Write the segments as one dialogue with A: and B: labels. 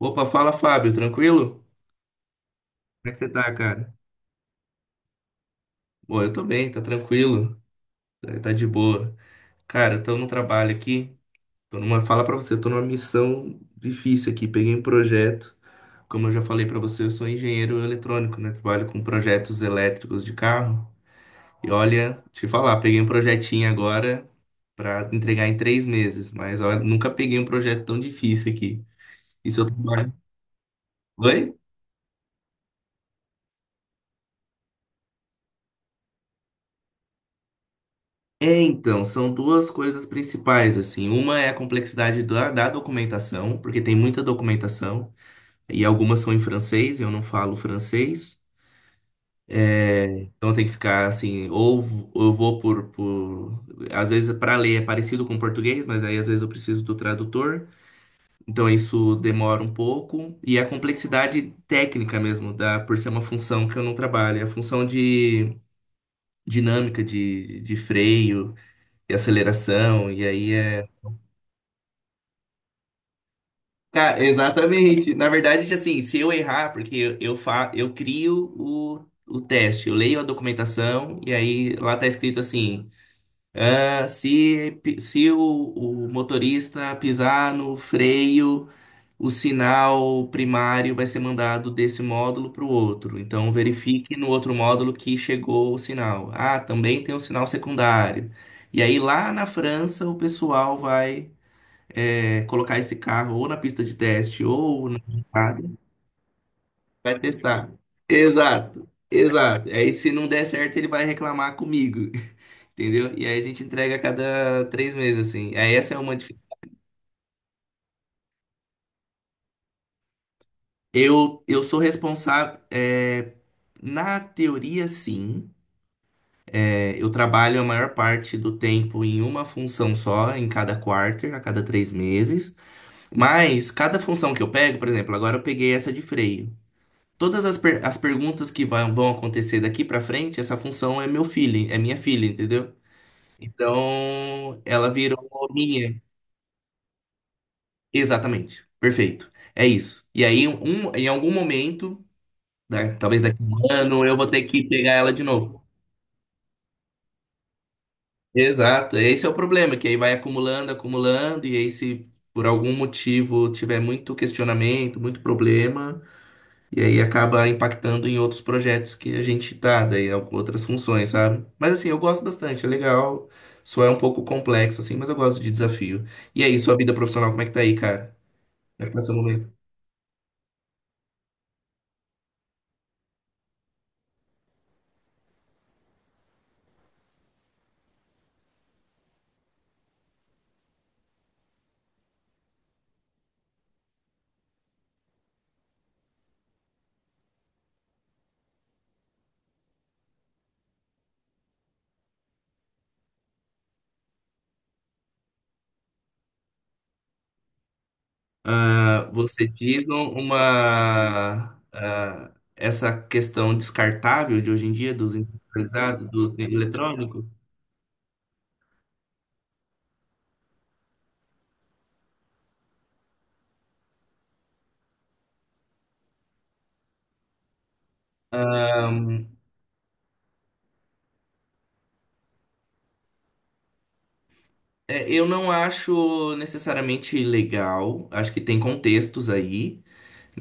A: Opa, fala Fábio, tranquilo? Como é que você tá, cara? Bom, eu tô bem, tá tranquilo, tá de boa. Cara, eu tô no trabalho aqui, fala pra você, eu tô numa missão difícil aqui, peguei um projeto, como eu já falei pra você, eu sou engenheiro eletrônico, né? Trabalho com projetos elétricos de carro. E olha, te falar, peguei um projetinho agora pra entregar em 3 meses, mas olha, nunca peguei um projeto tão difícil aqui. E seu trabalho? Oi? É, então, são duas coisas principais, assim. Uma é a complexidade da documentação, porque tem muita documentação, e algumas são em francês, eu não falo francês. Então tem que ficar assim, ou eu vou por. Às vezes para ler é parecido com português, mas aí às vezes eu preciso do tradutor. Então isso demora um pouco. E a complexidade técnica mesmo, por ser uma função que eu não trabalho, é a função de dinâmica de freio e aceleração, e aí é. Cara, exatamente. Na verdade, assim, se eu errar, porque eu crio o teste, eu leio a documentação e aí lá tá escrito assim: ah, se o motorista pisar no freio, o sinal primário vai ser mandado desse módulo para o outro. Então, verifique no outro módulo que chegou o sinal. Ah, também tem um sinal secundário. E aí lá na França o pessoal vai colocar esse carro ou na pista de teste ou na estrada, vai testar. Exato, exato. Aí se não der certo, ele vai reclamar comigo, entendeu? E aí a gente entrega a cada 3 meses, assim. Aí essa é uma dificuldade. Eu sou responsável, é, na teoria, sim. É, eu trabalho a maior parte do tempo em uma função só, em cada quarter, a cada 3 meses. Mas cada função que eu pego, por exemplo, agora eu peguei essa de freio. Todas as perguntas que vão acontecer daqui pra frente, essa função é meu filho, é minha filha, entendeu? Então, ela virou minha. Exatamente. Perfeito. É isso. E aí, em algum momento, né, talvez daqui a um ano, eu vou ter que pegar ela de novo. Exato. Esse é o problema, que aí vai acumulando, acumulando, e aí se por algum motivo tiver muito questionamento, muito problema, e aí acaba impactando em outros projetos que a gente tá, daí com outras funções, sabe? Mas assim, eu gosto bastante, é legal. Só é um pouco complexo, assim, mas eu gosto de desafio. E aí, sua vida profissional, como é que tá aí, cara? Como é que tá seu momento? Ah, você diz uma, ah, essa questão descartável de hoje em dia, dos industrializados, dos eletrônicos? Ah, é, eu não acho necessariamente legal, acho que tem contextos aí,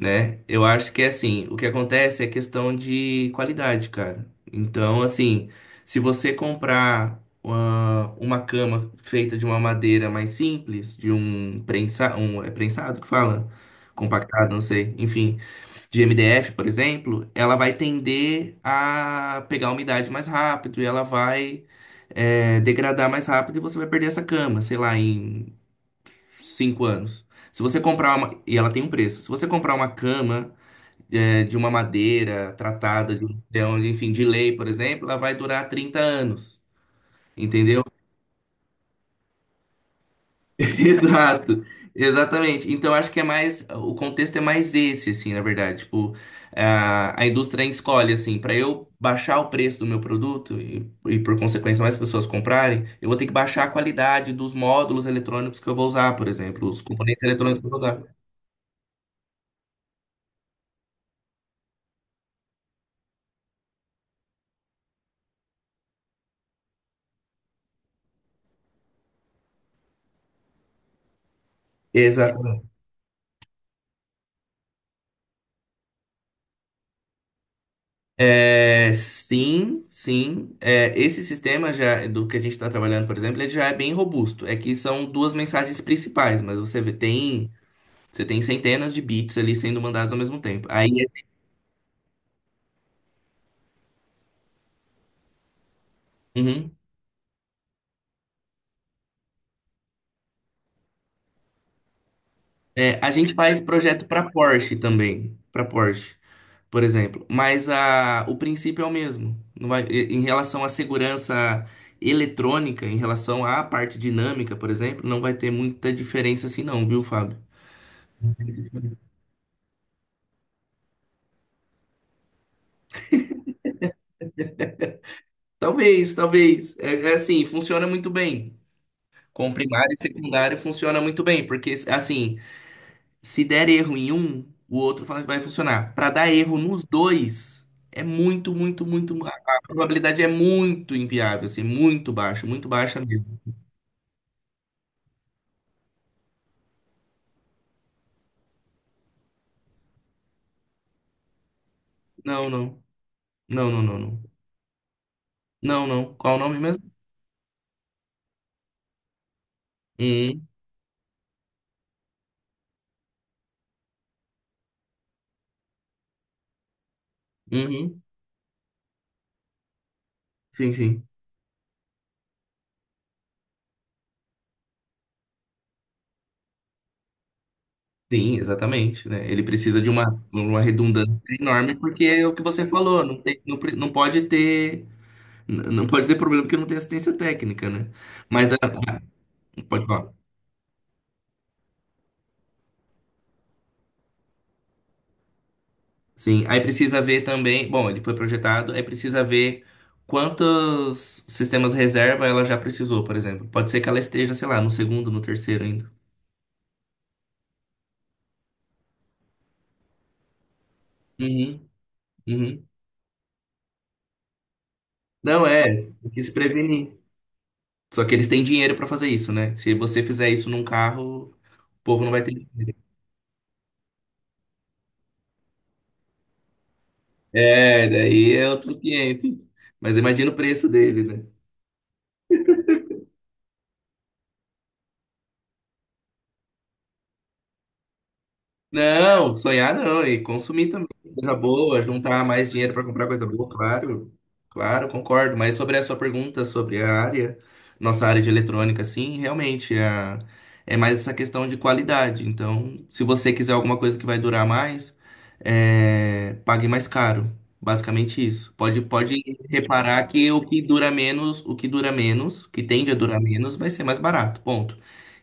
A: né? Eu acho que é assim, o que acontece é questão de qualidade, cara. Então, assim, se você comprar uma cama feita de uma madeira mais simples, de um prensa, um é prensado que fala, compactado, não sei, enfim, de MDF, por exemplo, ela vai tender a pegar umidade mais rápido e ela vai degradar mais rápido e você vai perder essa cama, sei lá, em 5 anos. Se você comprar uma, e ela tem um preço. Se você comprar uma cama de uma madeira tratada, de, um material, enfim, de lei, por exemplo, ela vai durar 30 anos, entendeu? Exato, exatamente. Então, acho que é mais, o contexto é mais esse, assim, na verdade. Tipo, a indústria escolhe, assim, para eu baixar o preço do meu produto e, por consequência, mais pessoas comprarem, eu vou ter que baixar a qualidade dos módulos eletrônicos que eu vou usar, por exemplo, os componentes eletrônicos que eu vou usar. Exato. É, sim, sim. É, esse sistema já do que a gente está trabalhando, por exemplo, ele já é bem robusto. É que são duas mensagens principais, mas você tem centenas de bits ali sendo mandados ao mesmo tempo. Aí, uhum. É, a gente faz projeto para Porsche também, para Porsche, por exemplo. Mas o princípio é o mesmo. Não vai, e- Em relação à segurança eletrônica, em relação à parte dinâmica, por exemplo, não vai ter muita diferença assim, não, viu, Fábio? Talvez, talvez. É, assim, funciona muito bem. Com primário e secundário funciona muito bem, porque assim, se der erro em um, o outro vai funcionar. Para dar erro nos dois, é muito, muito, muito. A probabilidade é muito inviável, assim, muito baixa mesmo. Não, não. Não, não, não, não. Não, não. Qual o nome mesmo? Uhum, uhum. Sim, sim. Sim, exatamente, né? Ele precisa de uma redundância enorme, porque é o que você falou, não tem, não, não pode ter. Não pode ter problema porque não tem assistência técnica, né? Mas pode falar. Sim, aí precisa ver também. Bom, ele foi projetado, aí precisa ver quantos sistemas reserva ela já precisou, por exemplo. Pode ser que ela esteja, sei lá, no segundo, no terceiro ainda. Uhum, uhum. Não é, tem que se prevenir. Só que eles têm dinheiro pra fazer isso, né? Se você fizer isso num carro, o povo não vai ter. É, daí é outro cliente. Mas imagina o preço dele, né? Não, sonhar não, e consumir também coisa boa, juntar mais dinheiro para comprar coisa boa, claro. Claro, concordo. Mas sobre a sua pergunta sobre a área, nossa área de eletrônica, sim, realmente é mais essa questão de qualidade. Então, se você quiser alguma coisa que vai durar mais, pague mais caro. Basicamente isso. Pode reparar que o que dura menos, o que dura menos, que tende a durar menos, vai ser mais barato. Ponto.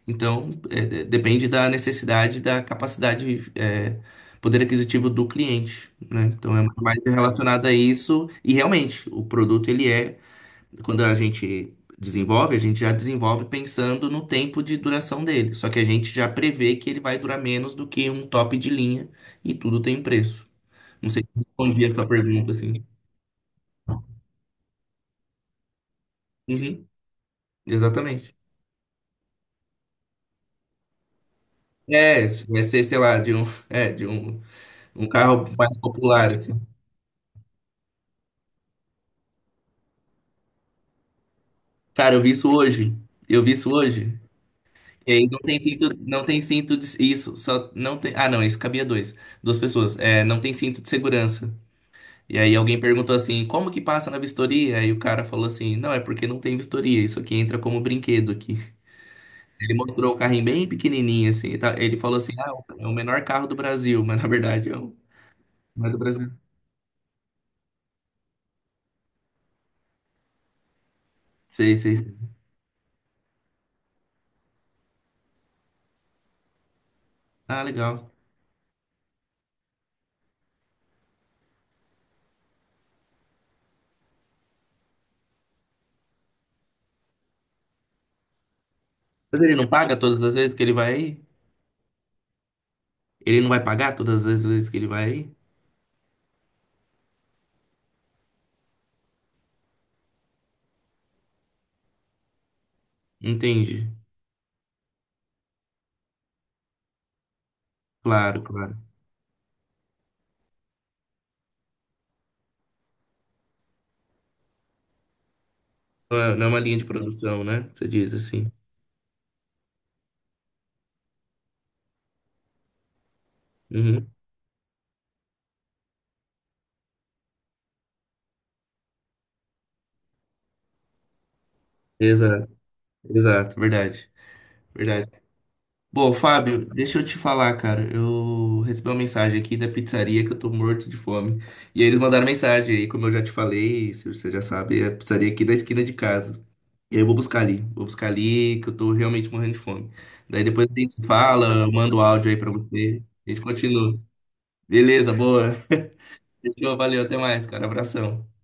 A: Então, depende da necessidade, da capacidade, poder aquisitivo do cliente, né? Então, é mais relacionado a isso. E realmente, o produto, quando a gente desenvolve, a gente já desenvolve pensando no tempo de duração dele. Só que a gente já prevê que ele vai durar menos do que um top de linha e tudo tem preço. Não sei se eu respondi a sua pergunta, assim. Uhum, exatamente. É, vai ser, sei lá, de um carro mais popular, assim. Cara, eu vi isso hoje. Eu vi isso hoje. E aí não tem cinto, não tem cinto de isso, só não tem. Ah, não, isso cabia dois, duas pessoas. É, não tem cinto de segurança. E aí alguém perguntou assim, como que passa na vistoria? Aí o cara falou assim, não, é porque não tem vistoria. Isso aqui entra como brinquedo aqui. Ele mostrou o carrinho bem pequenininho assim. Ele falou assim, ah, é o menor carro do Brasil, mas na verdade é o não é do Brasil. Sei, sei, sei. Ah, legal. Mas ele não paga todas as vezes que ele vai aí? Ele não vai pagar todas as vezes que ele vai aí? Entendi. Claro, claro. Não é uma linha de produção, né? Você diz assim. Uhum. Exato, exato, verdade, verdade. Bom, Fábio, deixa eu te falar, cara. Eu recebi uma mensagem aqui da pizzaria que eu tô morto de fome. E aí eles mandaram mensagem aí, como eu já te falei, se você já sabe, é a pizzaria aqui da esquina de casa. E aí eu vou buscar ali, que eu tô realmente morrendo de fome. Daí depois a gente se fala, eu mando o áudio aí pra você. A gente continua. Beleza, boa. Fechou, valeu, até mais, cara. Abração.